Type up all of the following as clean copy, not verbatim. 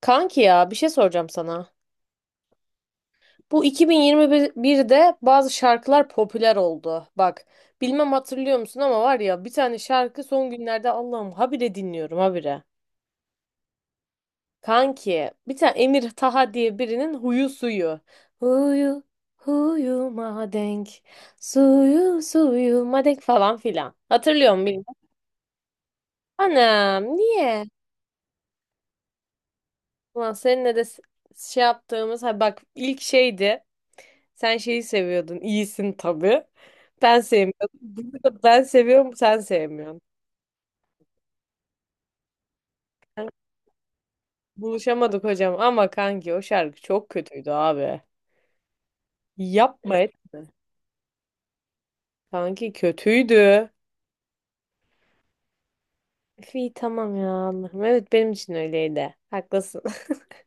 Kanki ya bir şey soracağım sana. Bu 2021'de bazı şarkılar popüler oldu. Bak bilmem hatırlıyor musun ama var ya bir tane şarkı son günlerde Allah'ım habire dinliyorum habire. Kanki bir tane Emir Taha diye birinin huyu suyu. Huyu huyuma denk suyu suyuma denk falan filan. Hatırlıyor musun bilmiyorum. Anam niye? Ulan seninle de şey yaptığımız ha bak ilk şeydi. Sen şeyi seviyordun. İyisin tabii. Ben sevmiyordum. Burada ben seviyorum, sen sevmiyorsun. Buluşamadık hocam ama kanki o şarkı çok kötüydü abi. Yapma etme. Kanki kötüydü. Üf, İyi tamam ya Allah'ım. Evet benim için öyleydi. Haklısın.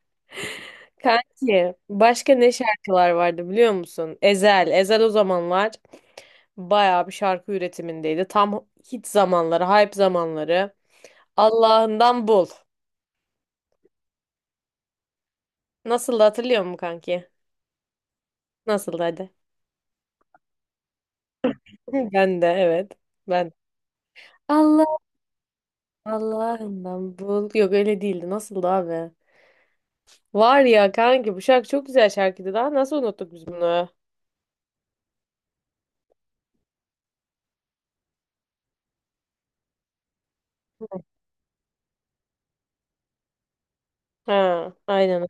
Kanki başka ne şarkılar vardı biliyor musun? Ezel. Ezel o zamanlar bayağı bir şarkı üretimindeydi. Tam hit zamanları, hype zamanları. Allah'ından bul. Nasıldı hatırlıyor musun kanki? Nasıldı hadi. Ben de evet. Ben. Allah Allah'ından bul. Yok öyle değildi. Nasıldı abi? Var ya kanki bu şarkı çok güzel şarkıydı. Daha nasıl unuttuk biz bunu? Ha, aynen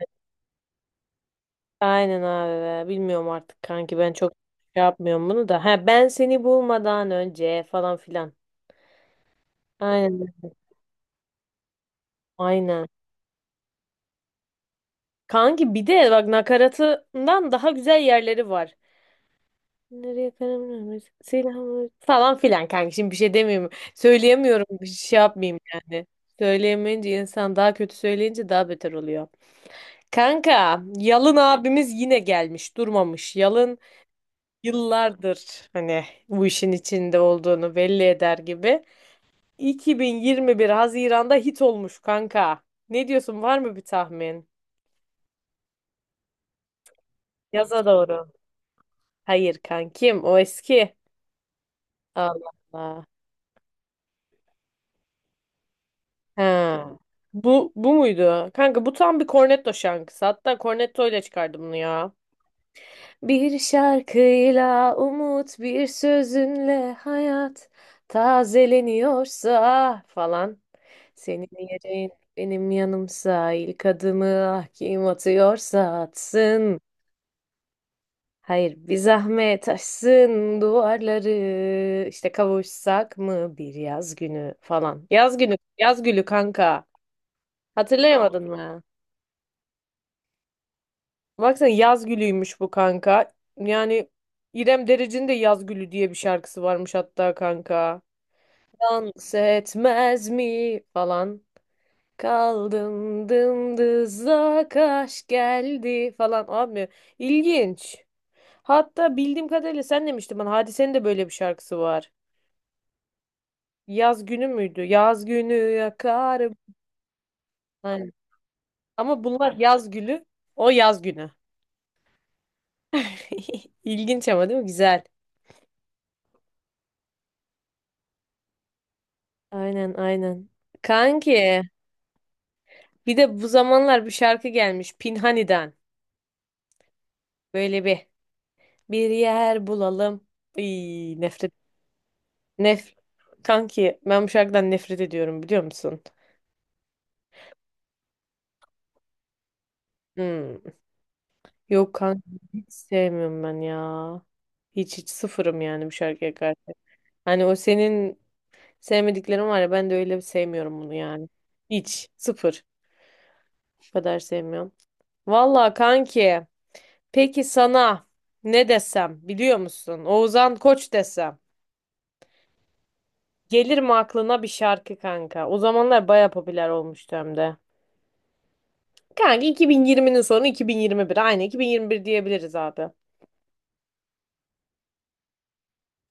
aynen abi. Be. Bilmiyorum artık kanki ben çok şey yapmıyorum bunu da. Ha ben seni bulmadan önce falan filan. Aynen aynen. Kanki bir de bak nakaratından daha güzel yerleri var. Nereye karar vermez. Silahımı falan filan kanka. Şimdi bir şey demiyorum. Söyleyemiyorum. Bir şey yapmayayım yani. Söyleyemeyince insan daha kötü söyleyince daha beter oluyor. Kanka, Yalın abimiz yine gelmiş, durmamış. Yalın yıllardır hani bu işin içinde olduğunu belli eder gibi. 2021 Haziran'da hit olmuş kanka. Ne diyorsun? Var mı bir tahmin? Yaza doğru. Hayır kankim, o eski. Allah Allah. He. Bu bu muydu? Kanka bu tam bir Cornetto şarkısı. Hatta Cornetto ile çıkardı bunu ya. Bir şarkıyla umut, bir sözünle hayat tazeleniyorsa falan. Senin yerin benim yanımsa ilk adımı ah kim atıyorsa atsın. Hayır bir zahmet aşsın duvarları işte kavuşsak mı bir yaz günü falan. Yaz günü, yaz gülü kanka. Hatırlayamadın mı? Baksana yaz gülüymüş bu kanka. Yani İrem Derici'nin de yaz gülü diye bir şarkısı varmış hatta kanka. Dans etmez mi falan. Kaldım dımdızlak aşk geldi falan abi. İlginç. Hatta bildiğim kadarıyla sen demiştin bana Hadise'nin de böyle bir şarkısı var. Yaz günü müydü? Yaz günü yakarım. Aynen. Ama bunlar yaz gülü. O yaz günü. İlginç ama değil mi? Güzel. Aynen aynen. Kanki bir de bu zamanlar bir şarkı gelmiş Pinhani'den. Böyle bir yer bulalım. İy, nefret. Nef Kanki ben bu şarkıdan nefret ediyorum biliyor musun? Hmm. Yok kanki hiç sevmiyorum ben ya. Hiç hiç sıfırım yani bu şarkıya karşı. Hani o senin sevmediklerin var ya ben de öyle sevmiyorum bunu yani. Hiç sıfır. Bu kadar sevmiyorum. Valla kanki. Peki sana ne desem biliyor musun? Oğuzhan Koç desem. Gelir mi aklına bir şarkı kanka? O zamanlar baya popüler olmuştu hem de. Kanka 2020'nin sonu 2021. Aynı 2021 diyebiliriz abi.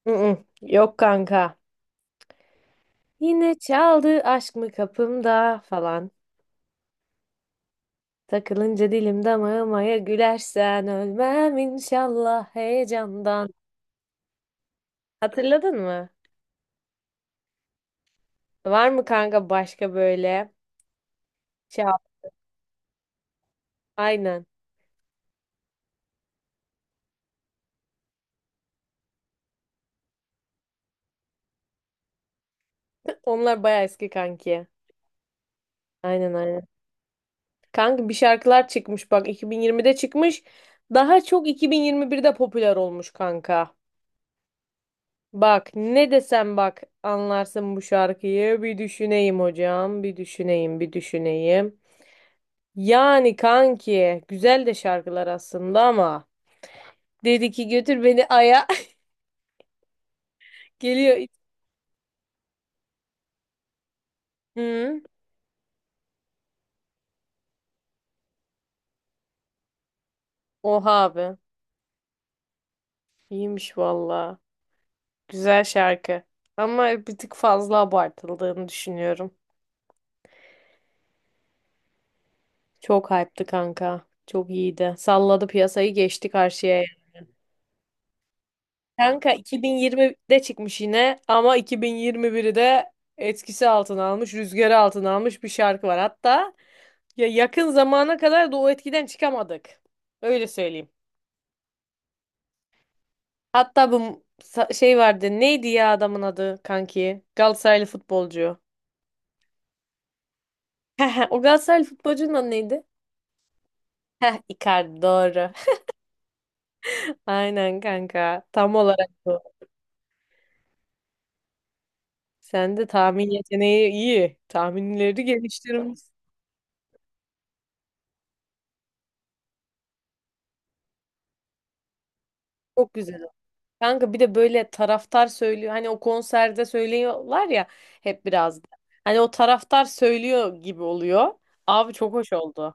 Mm-mm. Yok kanka. Yine çaldı aşk mı kapımda falan. Takılınca dilim damağıma ya gülersen ölmem inşallah heyecandan. Hatırladın mı? Var mı kanka başka böyle? Çal. Aynen. Onlar baya eski kanki. Aynen aynen. Kanka bir şarkılar çıkmış bak 2020'de çıkmış. Daha çok 2021'de popüler olmuş kanka. Bak ne desem bak anlarsın bu şarkıyı. Bir düşüneyim hocam, bir düşüneyim, bir düşüneyim. Yani kanki güzel de şarkılar aslında ama dedi ki götür beni aya geliyor. Hı, oha abi. İyiymiş valla. Güzel şarkı. Ama bir tık fazla abartıldığını düşünüyorum. Çok hype'tı kanka. Çok iyiydi. Salladı piyasayı geçti karşıya. Kanka 2020'de çıkmış yine ama 2021'de etkisi altına almış, rüzgarı altına almış bir şarkı var. Hatta ya yakın zamana kadar da o etkiden çıkamadık. Öyle söyleyeyim. Hatta bu şey vardı. Neydi ya adamın adı kanki? Galatasaraylı futbolcu. O Galatasaraylı futbolcunun adı neydi? Heh, Icardi doğru. Aynen kanka. Tam olarak. Sen de tahmin yeteneği iyi. Tahminleri geliştirmiş. Çok güzel. Kanka bir de böyle taraftar söylüyor. Hani o konserde söylüyorlar ya hep biraz da. Hani o taraftar söylüyor gibi oluyor. Abi çok hoş oldu.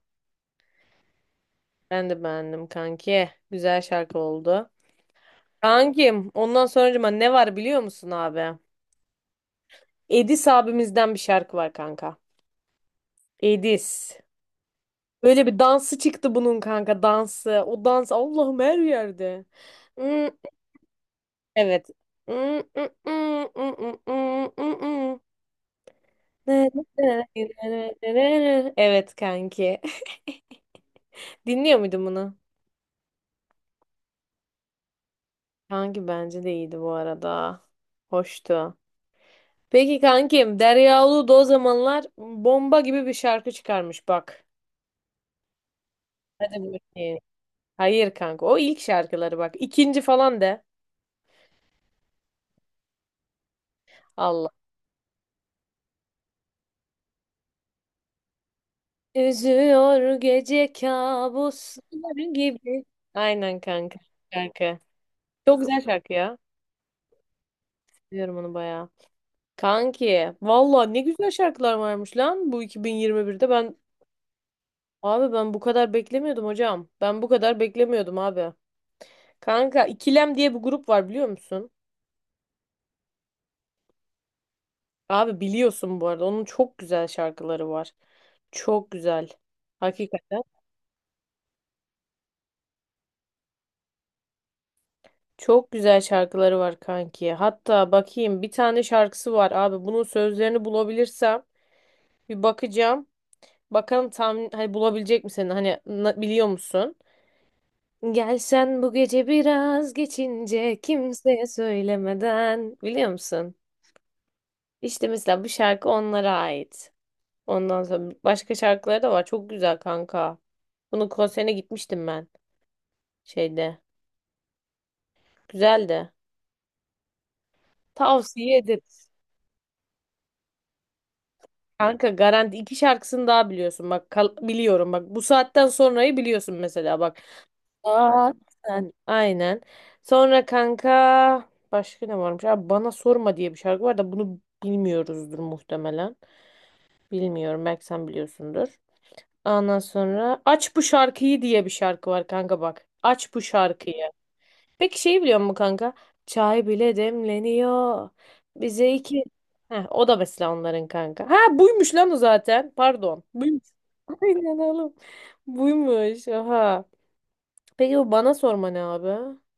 Ben de beğendim kanki. Güzel şarkı oldu. Kankim ondan sonracıma ne var biliyor musun abi? Edis abimizden bir şarkı var kanka. Edis. Böyle bir dansı çıktı bunun kanka dansı. O dans Allah'ım her yerde. Hmm, evet. Evet kanki. Dinliyor muydun bunu? Kanki bence de iyiydi bu arada. Hoştu. Peki kankim Derya Ulu o zamanlar bomba gibi bir şarkı çıkarmış bak. Hadi bakayım. Hayır kanka o ilk şarkıları bak. İkinci falan de. Allah. Üzüyor gece kabuslar gibi. Aynen kanka. Şarkı. Çok güzel şarkı ya. Seviyorum onu bayağı. Kanki valla ne güzel şarkılar varmış lan bu 2021'de ben abi ben bu kadar beklemiyordum hocam. Ben bu kadar beklemiyordum abi. Kanka İkilem diye bir grup var biliyor musun? Abi biliyorsun bu arada onun çok güzel şarkıları var. Çok güzel. Hakikaten çok güzel şarkıları var kanki. Hatta bakayım bir tane şarkısı var abi. Bunun sözlerini bulabilirsem bir bakacağım. Bakalım tam hani bulabilecek misin? Hani biliyor musun? Gelsen bu gece biraz geçince kimseye söylemeden biliyor musun? İşte mesela bu şarkı onlara ait. Ondan sonra başka şarkıları da var. Çok güzel kanka. Bunun konserine gitmiştim ben şeyde. Güzeldi. Tavsiye ederiz. Kanka garanti iki şarkısını daha biliyorsun. Bak biliyorum bak bu saatten sonrayı biliyorsun mesela bak. Aa, sen aynen. Sonra kanka başka ne varmış? Abi bana sorma diye bir şarkı var da bunu bilmiyoruzdur muhtemelen. Bilmiyorum belki sen biliyorsundur. Ondan sonra aç bu şarkıyı diye bir şarkı var kanka bak. Aç bu şarkıyı. Peki şeyi biliyor musun kanka? Çay bile demleniyor. Bize iki. Heh, o da mesela onların kanka. Ha buymuş lan o zaten. Pardon. Buymuş. Aynen oğlum. Buymuş. Oha. Peki bu bana sorma ne abi?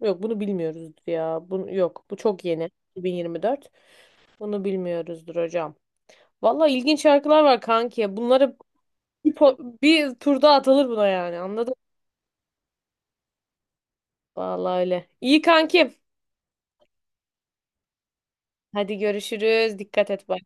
Yok bunu bilmiyoruzdur ya. Bunu, yok bu çok yeni. 2024. Bunu bilmiyoruzdur hocam. Valla ilginç şarkılar var kanki. Bunları bir turda atılır buna yani anladın mı? Valla öyle. İyi kankim. Hadi görüşürüz. Dikkat et. Bay.